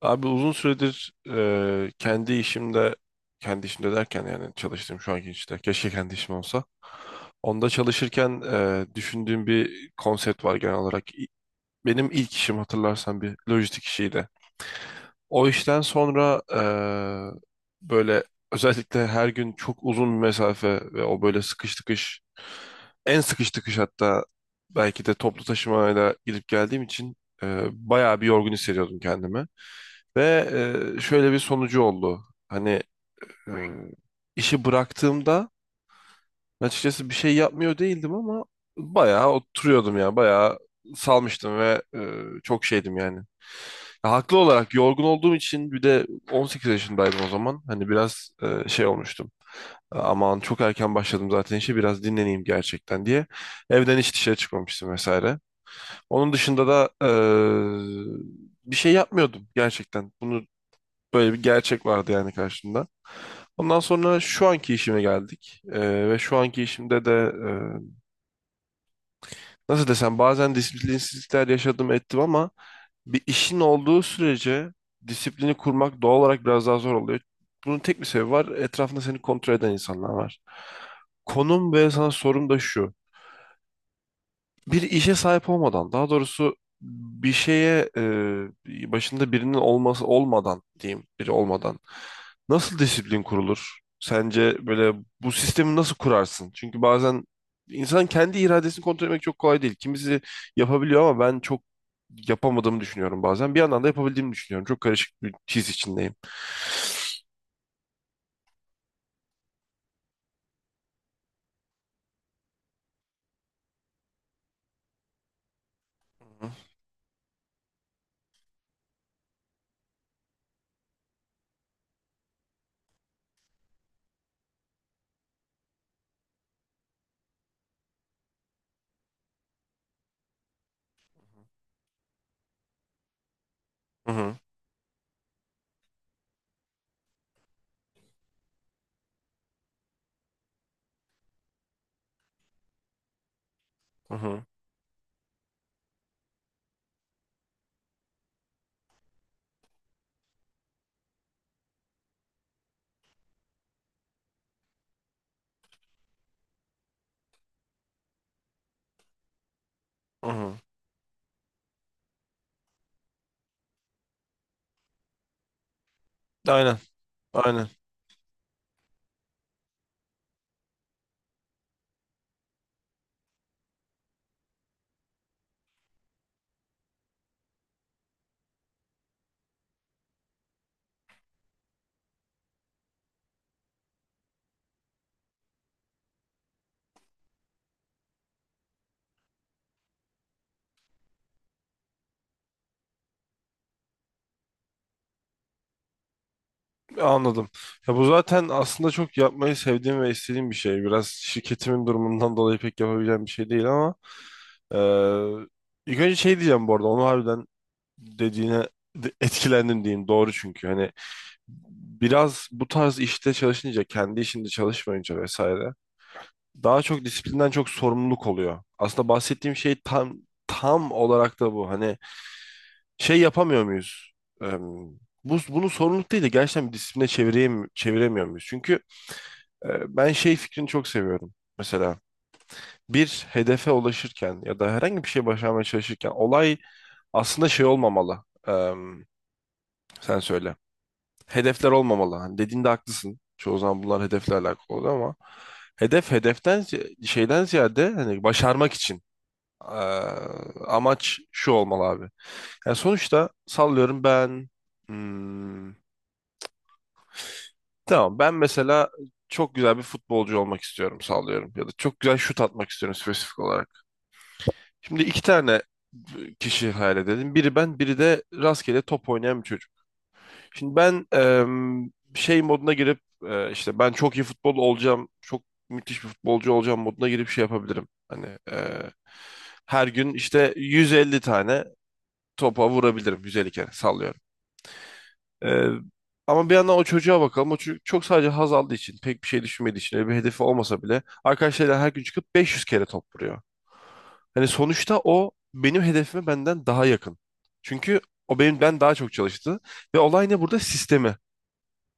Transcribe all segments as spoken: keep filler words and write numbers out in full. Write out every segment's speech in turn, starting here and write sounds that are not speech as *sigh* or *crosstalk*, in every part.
Abi uzun süredir e, kendi işimde, kendi işimde derken yani çalıştığım şu anki işte keşke kendi işim olsa. Onda çalışırken e, düşündüğüm bir konsept var genel olarak. İ- Benim ilk işim hatırlarsan bir lojistik işiydi. O işten sonra e, böyle özellikle her gün çok uzun bir mesafe ve o böyle sıkış tıkış, en sıkış tıkış hatta belki de toplu taşımayla gidip geldiğim için e, bayağı bir yorgun hissediyordum kendimi. Ve e, şöyle bir sonucu oldu. Hani e, işi bıraktığımda açıkçası bir şey yapmıyor değildim ama bayağı oturuyordum ya. Bayağı salmıştım ve e, çok şeydim yani. Ya, haklı olarak yorgun olduğum için bir de on sekiz yaşındaydım o zaman. Hani biraz e, şey olmuştum. E, Aman çok erken başladım zaten işe biraz dinleneyim gerçekten diye. Evden hiç dışarı çıkmamıştım vesaire. Onun dışında da e, bir şey yapmıyordum gerçekten. Bunu Böyle bir gerçek vardı yani karşımda. Ondan sonra şu anki işime geldik. Ee, ve şu anki işimde de e, nasıl desem bazen disiplinsizlikler yaşadım ettim ama bir işin olduğu sürece disiplini kurmak doğal olarak biraz daha zor oluyor. Bunun tek bir sebebi var. Etrafında seni kontrol eden insanlar var. Konum ve sana sorum da şu. Bir işe sahip olmadan, daha doğrusu bir şeye e, başında birinin olması olmadan diyeyim, biri olmadan nasıl disiplin kurulur? Sence böyle bu sistemi nasıl kurarsın? Çünkü bazen insan kendi iradesini kontrol etmek çok kolay değil. Kimisi yapabiliyor ama ben çok yapamadığımı düşünüyorum bazen. Bir yandan da yapabildiğimi düşünüyorum. Çok karışık bir his içindeyim. Hı hı hı hı. hı hı. Aynen, aynen. Anladım. Ya bu zaten aslında çok yapmayı sevdiğim ve istediğim bir şey. Biraz şirketimin durumundan dolayı pek yapabileceğim bir şey değil ama eee ilk önce şey diyeceğim bu arada. Onu harbiden dediğine de- etkilendim diyeyim. Doğru çünkü. Hani biraz bu tarz işte çalışınca, kendi işinde çalışmayınca vesaire daha çok disiplinden çok sorumluluk oluyor. Aslında bahsettiğim şey tam tam olarak da bu. Hani şey yapamıyor muyuz? Eee, bu, bunu sorumluluk değil de gerçekten bir disipline çevireyim, çeviremiyor muyuz? Çünkü Ee, ben şey fikrini çok seviyorum. Mesela bir hedefe ulaşırken ya da herhangi bir şey başarmaya çalışırken olay aslında şey olmamalı. Ee, sen söyle. Hedefler olmamalı. Hani dediğinde haklısın. Çoğu zaman bunlar hedefle alakalı oluyor ama hedef hedeften zi- şeyden ziyade hani başarmak için ee, amaç şu olmalı abi. Yani sonuçta sallıyorum ben hmm, tamam ben mesela çok güzel bir futbolcu olmak istiyorum sallıyorum ya da çok güzel şut atmak istiyorum spesifik olarak. Şimdi iki tane kişi hayal edelim. Biri ben, biri de rastgele top oynayan bir çocuk. Şimdi ben em, şey moduna girip e, işte ben çok iyi futbol olacağım, çok müthiş bir futbolcu olacağım moduna girip şey yapabilirim. Hani e, her gün işte yüz elli tane topa vurabilirim. yüz elli kere sallıyorum. E, Ama bir yandan o çocuğa bakalım. O çocuk çok sadece haz aldığı için, pek bir şey düşünmediği için, öyle bir hedefi olmasa bile arkadaşlarıyla her gün çıkıp beş yüz kere top vuruyor. Hani sonuçta o benim hedefime benden daha yakın. Çünkü o benim ben daha çok çalıştı ve olay ne burada? Sistemi.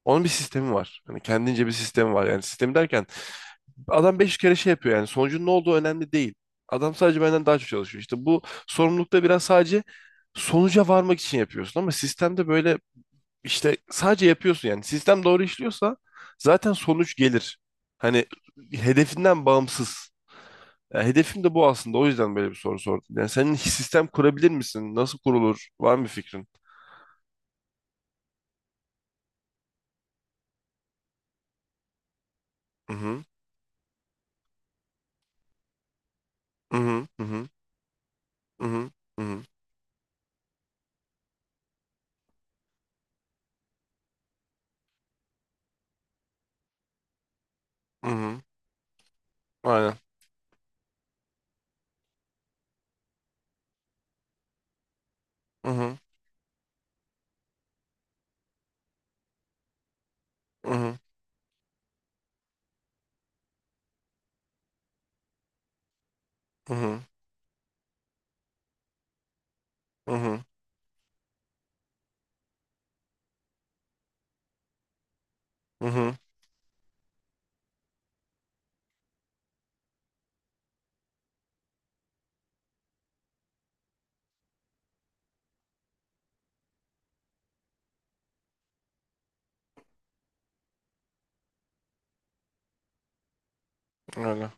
Onun bir sistemi var. Hani kendince bir sistemi var. Yani sistemi derken adam beş kere şey yapıyor yani sonucun ne olduğu önemli değil. Adam sadece benden daha çok çalışıyor. İşte bu sorumlulukta biraz sadece sonuca varmak için yapıyorsun ama sistemde böyle işte sadece yapıyorsun yani. Sistem doğru işliyorsa zaten sonuç gelir. Hani hedefinden bağımsız. Ya hedefim de bu aslında. O yüzden böyle bir soru sordum. Yani senin sistem kurabilir misin? Nasıl kurulur? Var mı bir fikrin? Hı hı. Hı hı. Hı hı. Hı hı. Hı hı. Hı hı. Aynen. Hı hı. Hı hı. Hı hı. Hı hı. Hı hı. Aynen.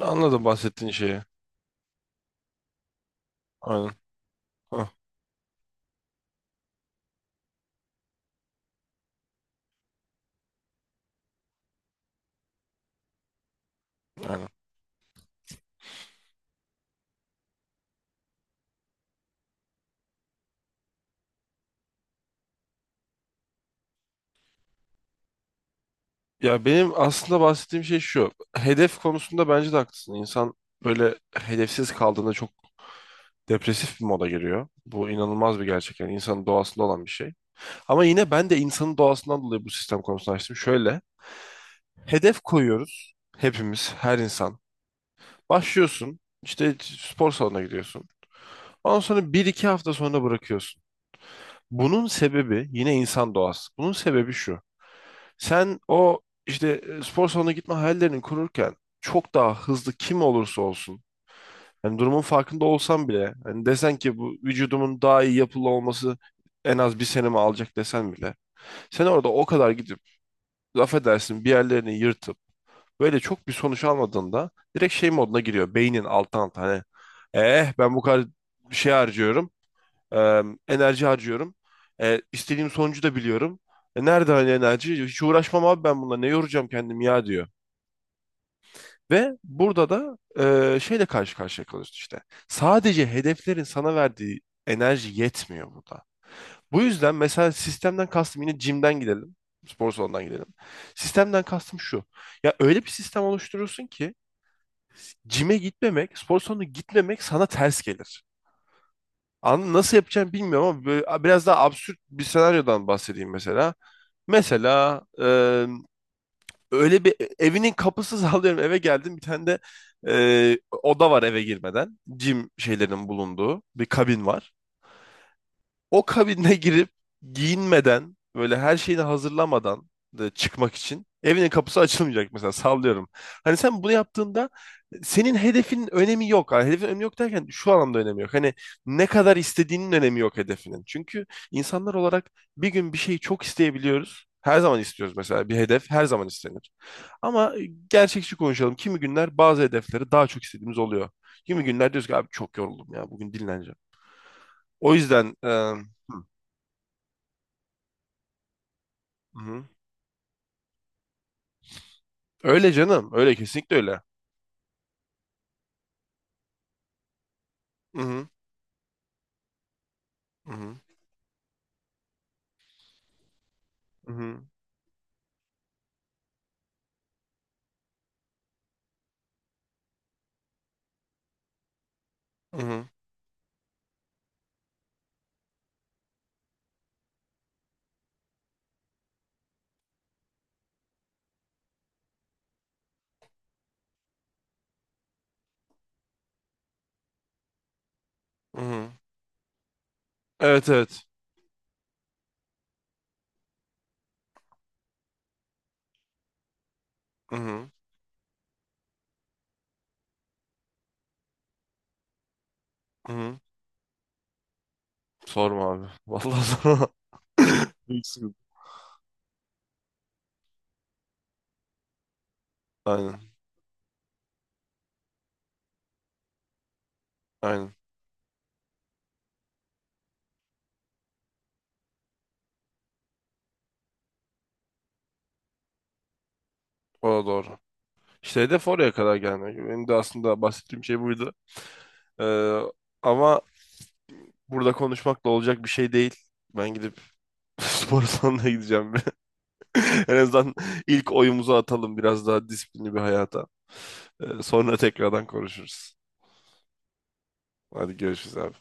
Anladım bahsettiğin şeyi. Aynen. Hah, aynen. Ya benim aslında bahsettiğim şey şu. Hedef konusunda bence de haklısın. İnsan böyle hedefsiz kaldığında çok depresif bir moda giriyor. Bu inanılmaz bir gerçek. Yani insanın doğasında olan bir şey. Ama yine ben de insanın doğasından dolayı bu sistem konusunu açtım. Şöyle. Hedef koyuyoruz hepimiz, her insan. Başlıyorsun, işte spor salonuna gidiyorsun. Ondan sonra bir iki hafta sonra bırakıyorsun. Bunun sebebi yine insan doğası. Bunun sebebi şu. Sen o işte e, spor salonuna gitme hayallerini kururken çok daha hızlı kim olursa olsun. Yani durumun farkında olsan bile hani desen ki bu vücudumun daha iyi yapılı olması en az bir senemi alacak desen bile. Sen orada o kadar gidip laf edersin bir yerlerini yırtıp böyle çok bir sonuç almadığında direkt şey moduna giriyor. Beynin alttan alta hani eh ben bu kadar şey harcıyorum. e, Enerji harcıyorum. E, istediğim sonucu da biliyorum. E, nerede hani enerji? Hiç uğraşmam abi ben bununla. Ne yoracağım kendimi ya diyor. Ve burada da e, şeyle karşı karşıya kalıyorsun işte. Sadece hedeflerin sana verdiği enerji yetmiyor burada. Bu yüzden mesela sistemden kastım yine jimden gidelim. Spor salonundan gidelim. Sistemden kastım şu. Ya öyle bir sistem oluşturursun ki Cime gitmemek, spor salonuna gitmemek sana ters gelir. Anladın? Nasıl yapacağım bilmiyorum ama böyle biraz daha absürt bir senaryodan bahsedeyim mesela. Mesela e, öyle bir e, evinin kapısı *laughs* sallıyorum eve geldim bir tane de e, oda var eve girmeden. Cim şeylerin bulunduğu bir kabin var. O kabine girip giyinmeden böyle her şeyini hazırlamadan da çıkmak için evinin kapısı açılmayacak mesela sallıyorum. Hani sen bunu yaptığında senin hedefinin önemi yok. Yani hedefin önemi yok derken şu anlamda önemi yok. Hani ne kadar istediğinin önemi yok hedefinin. Çünkü insanlar olarak bir gün bir şeyi çok isteyebiliyoruz. Her zaman istiyoruz mesela bir hedef her zaman istenir. Ama gerçekçi konuşalım. Kimi günler bazı hedefleri daha çok istediğimiz oluyor. Kimi günler diyoruz ki abi çok yoruldum ya bugün dinleneceğim. O yüzden e, Hı-hı. Öyle canım. Öyle kesinlikle öyle. Hı-hı. Hı-hı. Hı-hı. Hı-hı. Hı-hı. Evet, evet. Hı-hı. Hı-hı. Sorma abi. *laughs* Vallahi sorma. Büyük sıkıntı. Aynen. Aynen. O da doğru. İşte hedef oraya kadar gelmek. Benim de aslında bahsettiğim şey buydu. Ee, ama burada konuşmakla olacak bir şey değil. Ben gidip *laughs* spor salonuna gideceğim. Bir. *laughs* En azından ilk oyumuzu atalım biraz daha disiplinli bir hayata. Ee, sonra tekrardan konuşuruz. Hadi görüşürüz abi.